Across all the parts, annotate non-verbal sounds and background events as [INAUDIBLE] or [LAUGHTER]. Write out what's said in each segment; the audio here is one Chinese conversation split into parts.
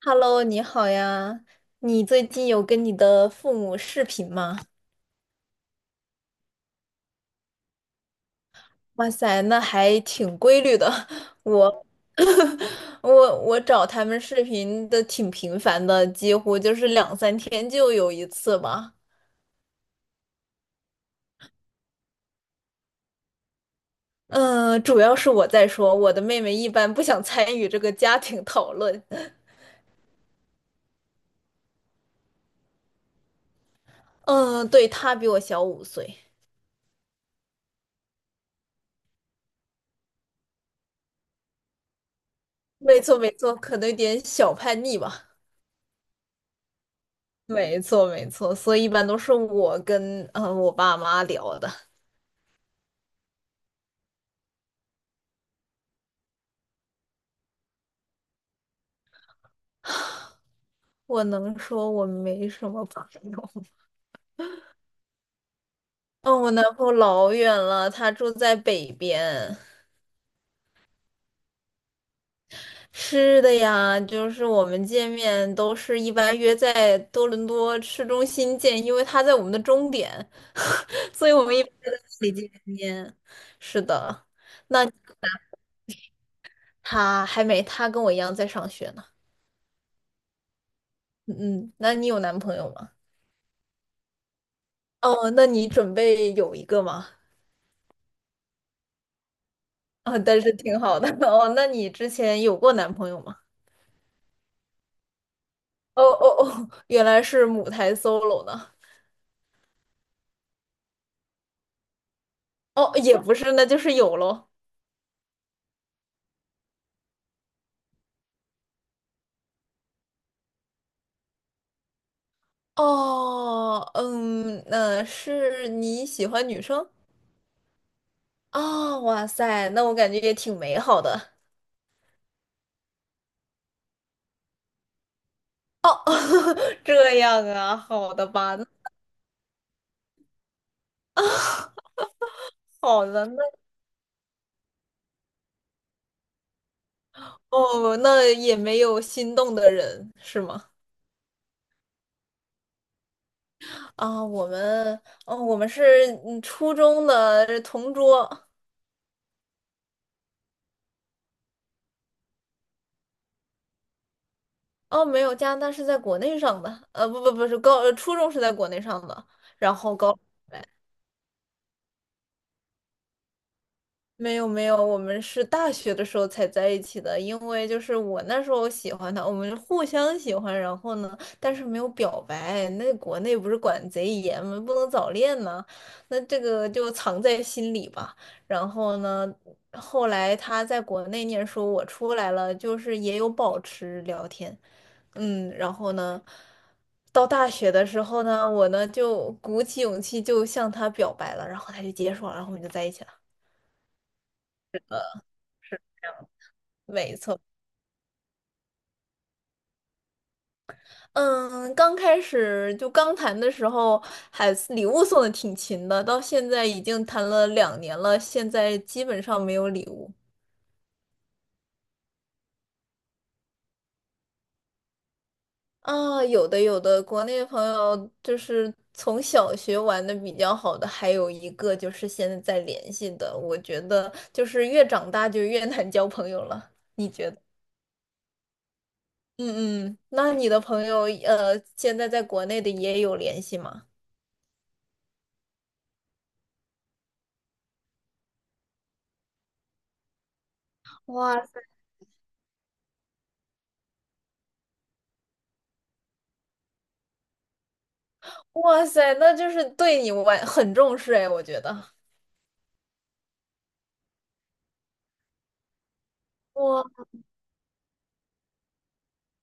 Hello，你好呀！你最近有跟你的父母视频吗？哇塞，那还挺规律的。[LAUGHS] 我 [LAUGHS] 我找他们视频的挺频繁的，几乎就是两三天就有一次吧。嗯，主要是我在说，我的妹妹一般不想参与这个家庭讨论。嗯，对，她比我小5岁。没错，没错，可能有点小叛逆吧。没错，没错，所以一般都是我跟我爸妈聊的。我能说我没什么朋友。嗯，我男朋友老远了，他住在北边。是的呀，就是我们见面都是一般约在多伦多市中心见，因为他在我们的终点，所以我们一般在那里见面。是的，他还没，他跟我一样在上学呢。嗯嗯，那你有男朋友吗？哦，那你准备有一个吗？啊、但是挺好的。[LAUGHS] 哦，那你之前有过男朋友吗？哦哦哦，原来是母胎 solo 呢。哦，也不是，那就是有喽。哦，嗯，那是你喜欢女生？啊？哇塞，那我感觉也挺美好的。哦，[LAUGHS] 这样啊，好的吧，那好的，那哦，那也没有心动的人是吗？啊，我们，哦，我们是初中的同桌。哦，没有，加拿大是在国内上的，呃，不不不是高，呃初中是在国内上的，然后高。没有没有，我们是大学的时候才在一起的，因为就是我那时候喜欢他，我们互相喜欢，然后呢，但是没有表白。那国内不是管贼严吗？不能早恋呢，那这个就藏在心里吧。然后呢，后来他在国内念书，我出来了，就是也有保持聊天，嗯，然后呢，到大学的时候呢，我呢就鼓起勇气就向他表白了，然后他就接受了，然后我们就在一起了。没错。嗯，刚开始就刚谈的时候，还礼物送的挺勤的，到现在已经谈了2年了，现在基本上没有礼物啊。有的有的，国内朋友就是从小学玩的比较好的，还有一个就是现在在联系的，我觉得就是越长大就越难交朋友了。嗯嗯，那你的朋友现在在国内的也有联系吗？哇塞，哇塞，那就是对你玩很重视哎，我觉得。我。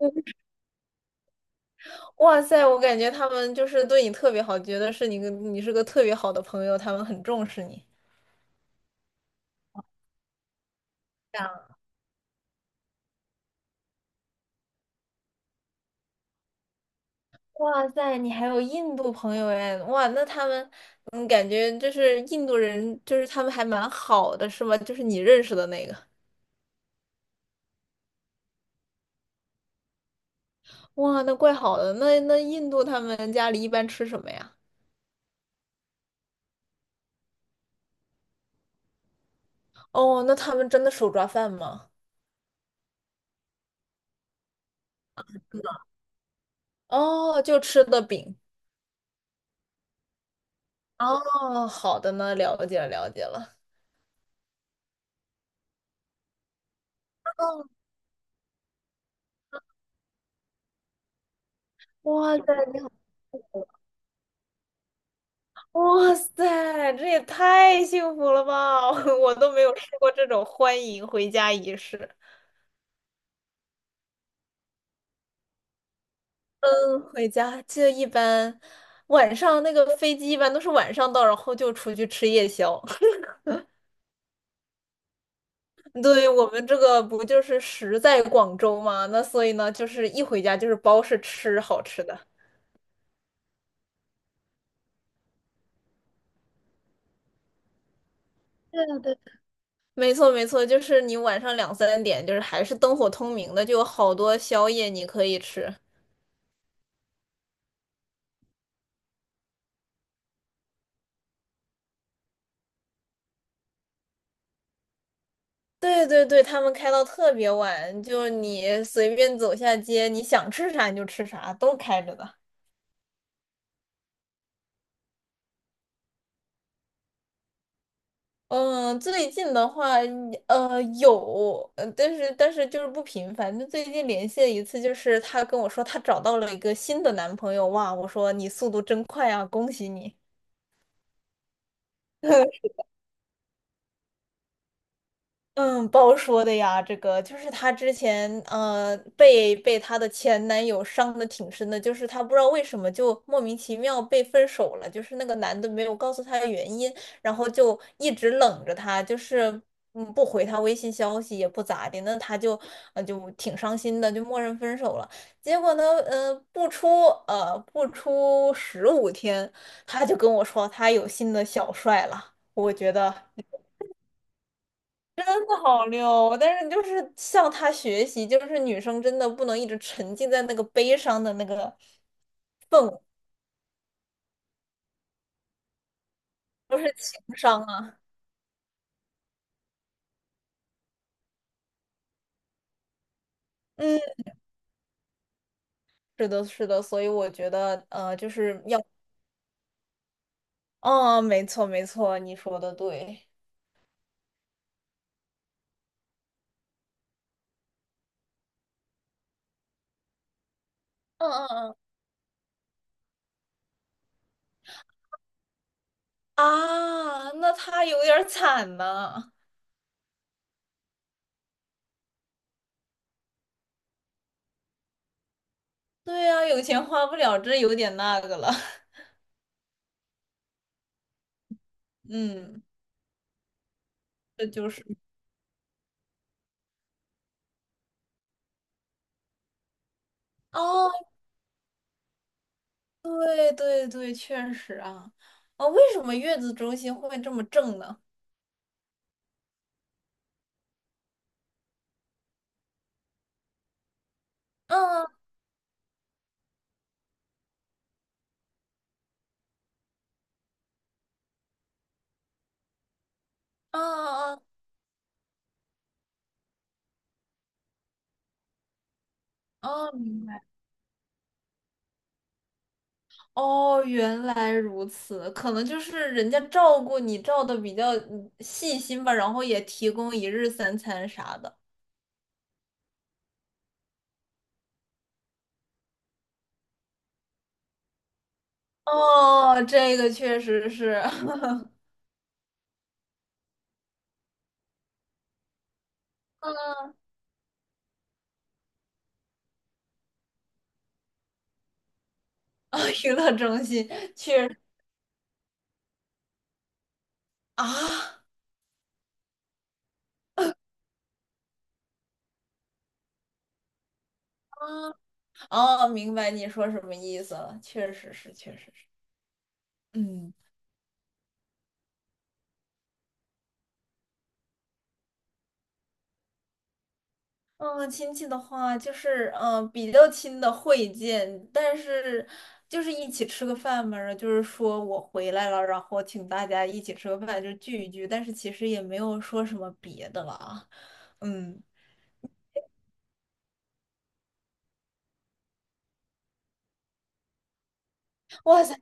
[LAUGHS] 哇塞，我感觉他们就是对你特别好，觉得你是个特别好的朋友，他们很重视你。这样哇塞，你还有印度朋友哎，哇，那他们，嗯，感觉就是印度人，就是他们还蛮好的，是吗？就是你认识的那个，哇，那怪好的。那印度他们家里一般吃什么呀？哦，那他们真的手抓饭吗？哦，就吃的饼。哦，好的呢，了解了，了解了。哇塞，你好。哇塞，这也太幸福了吧！[LAUGHS] 我都没有试过这种欢迎回家仪式。嗯，回家就一般，晚上那个飞机一般都是晚上到，然后就出去吃夜宵。[LAUGHS] 对，我们这个不就是食在广州嘛，那所以呢，就是一回家就是包是吃好吃的。对啊，对啊。没错，没错，就是你晚上两三点，就是还是灯火通明的，就有好多宵夜你可以吃。对对对，他们开到特别晚，就是你随便走下街，你想吃啥你就吃啥，都开着的。嗯，最近的话，有，但是就是不频繁。就最近联系了一次，就是她跟我说她找到了一个新的男朋友，哇，我说你速度真快啊，恭喜你。[LAUGHS] 嗯，包说的呀，这个就是她之前被她的前男友伤的挺深的，就是她不知道为什么就莫名其妙被分手了，就是那个男的没有告诉她原因，然后就一直冷着她，就是不回她微信消息也不咋的，那她就就挺伤心的，就默认分手了。结果呢，不出15天，她就跟我说她有新的小帅了，我觉得。那好溜哦，但是就是向他学习，就是女生真的不能一直沉浸在那个悲伤的那个氛围，都是情商啊。嗯，是的，是的，所以我觉得，就是要，嗯，没错，没错，你说的对。嗯嗯嗯，啊，那他有点儿惨呐。对呀，有钱花不了，这有点那个了。[LAUGHS] 嗯，这就是。哦，对对对，确实啊。哦，为什么月子中心会这么正呢？嗯。嗯嗯哦，明白。哦，原来如此，可能就是人家照顾你照的比较细心吧，然后也提供一日三餐啥的。哦，这个确实是，[LAUGHS] 啊，娱乐中心确实啊啊，哦，明白你说什么意思了，确实是，确实是，嗯。嗯，亲戚的话就是，嗯，比较亲的会见，但是就是一起吃个饭嘛，然后就是说我回来了，然后请大家一起吃个饭，就聚一聚，但是其实也没有说什么别的了啊。嗯，哇塞，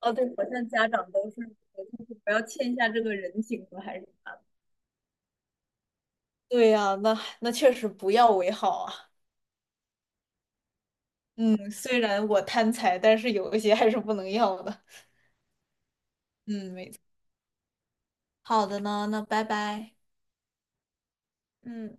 哦，对，好像家长都是，就是不要欠下这个人情了，还是。对呀，那那确实不要为好啊。嗯，虽然我贪财，但是有一些还是不能要的。嗯，没错。好的呢，那拜拜。嗯。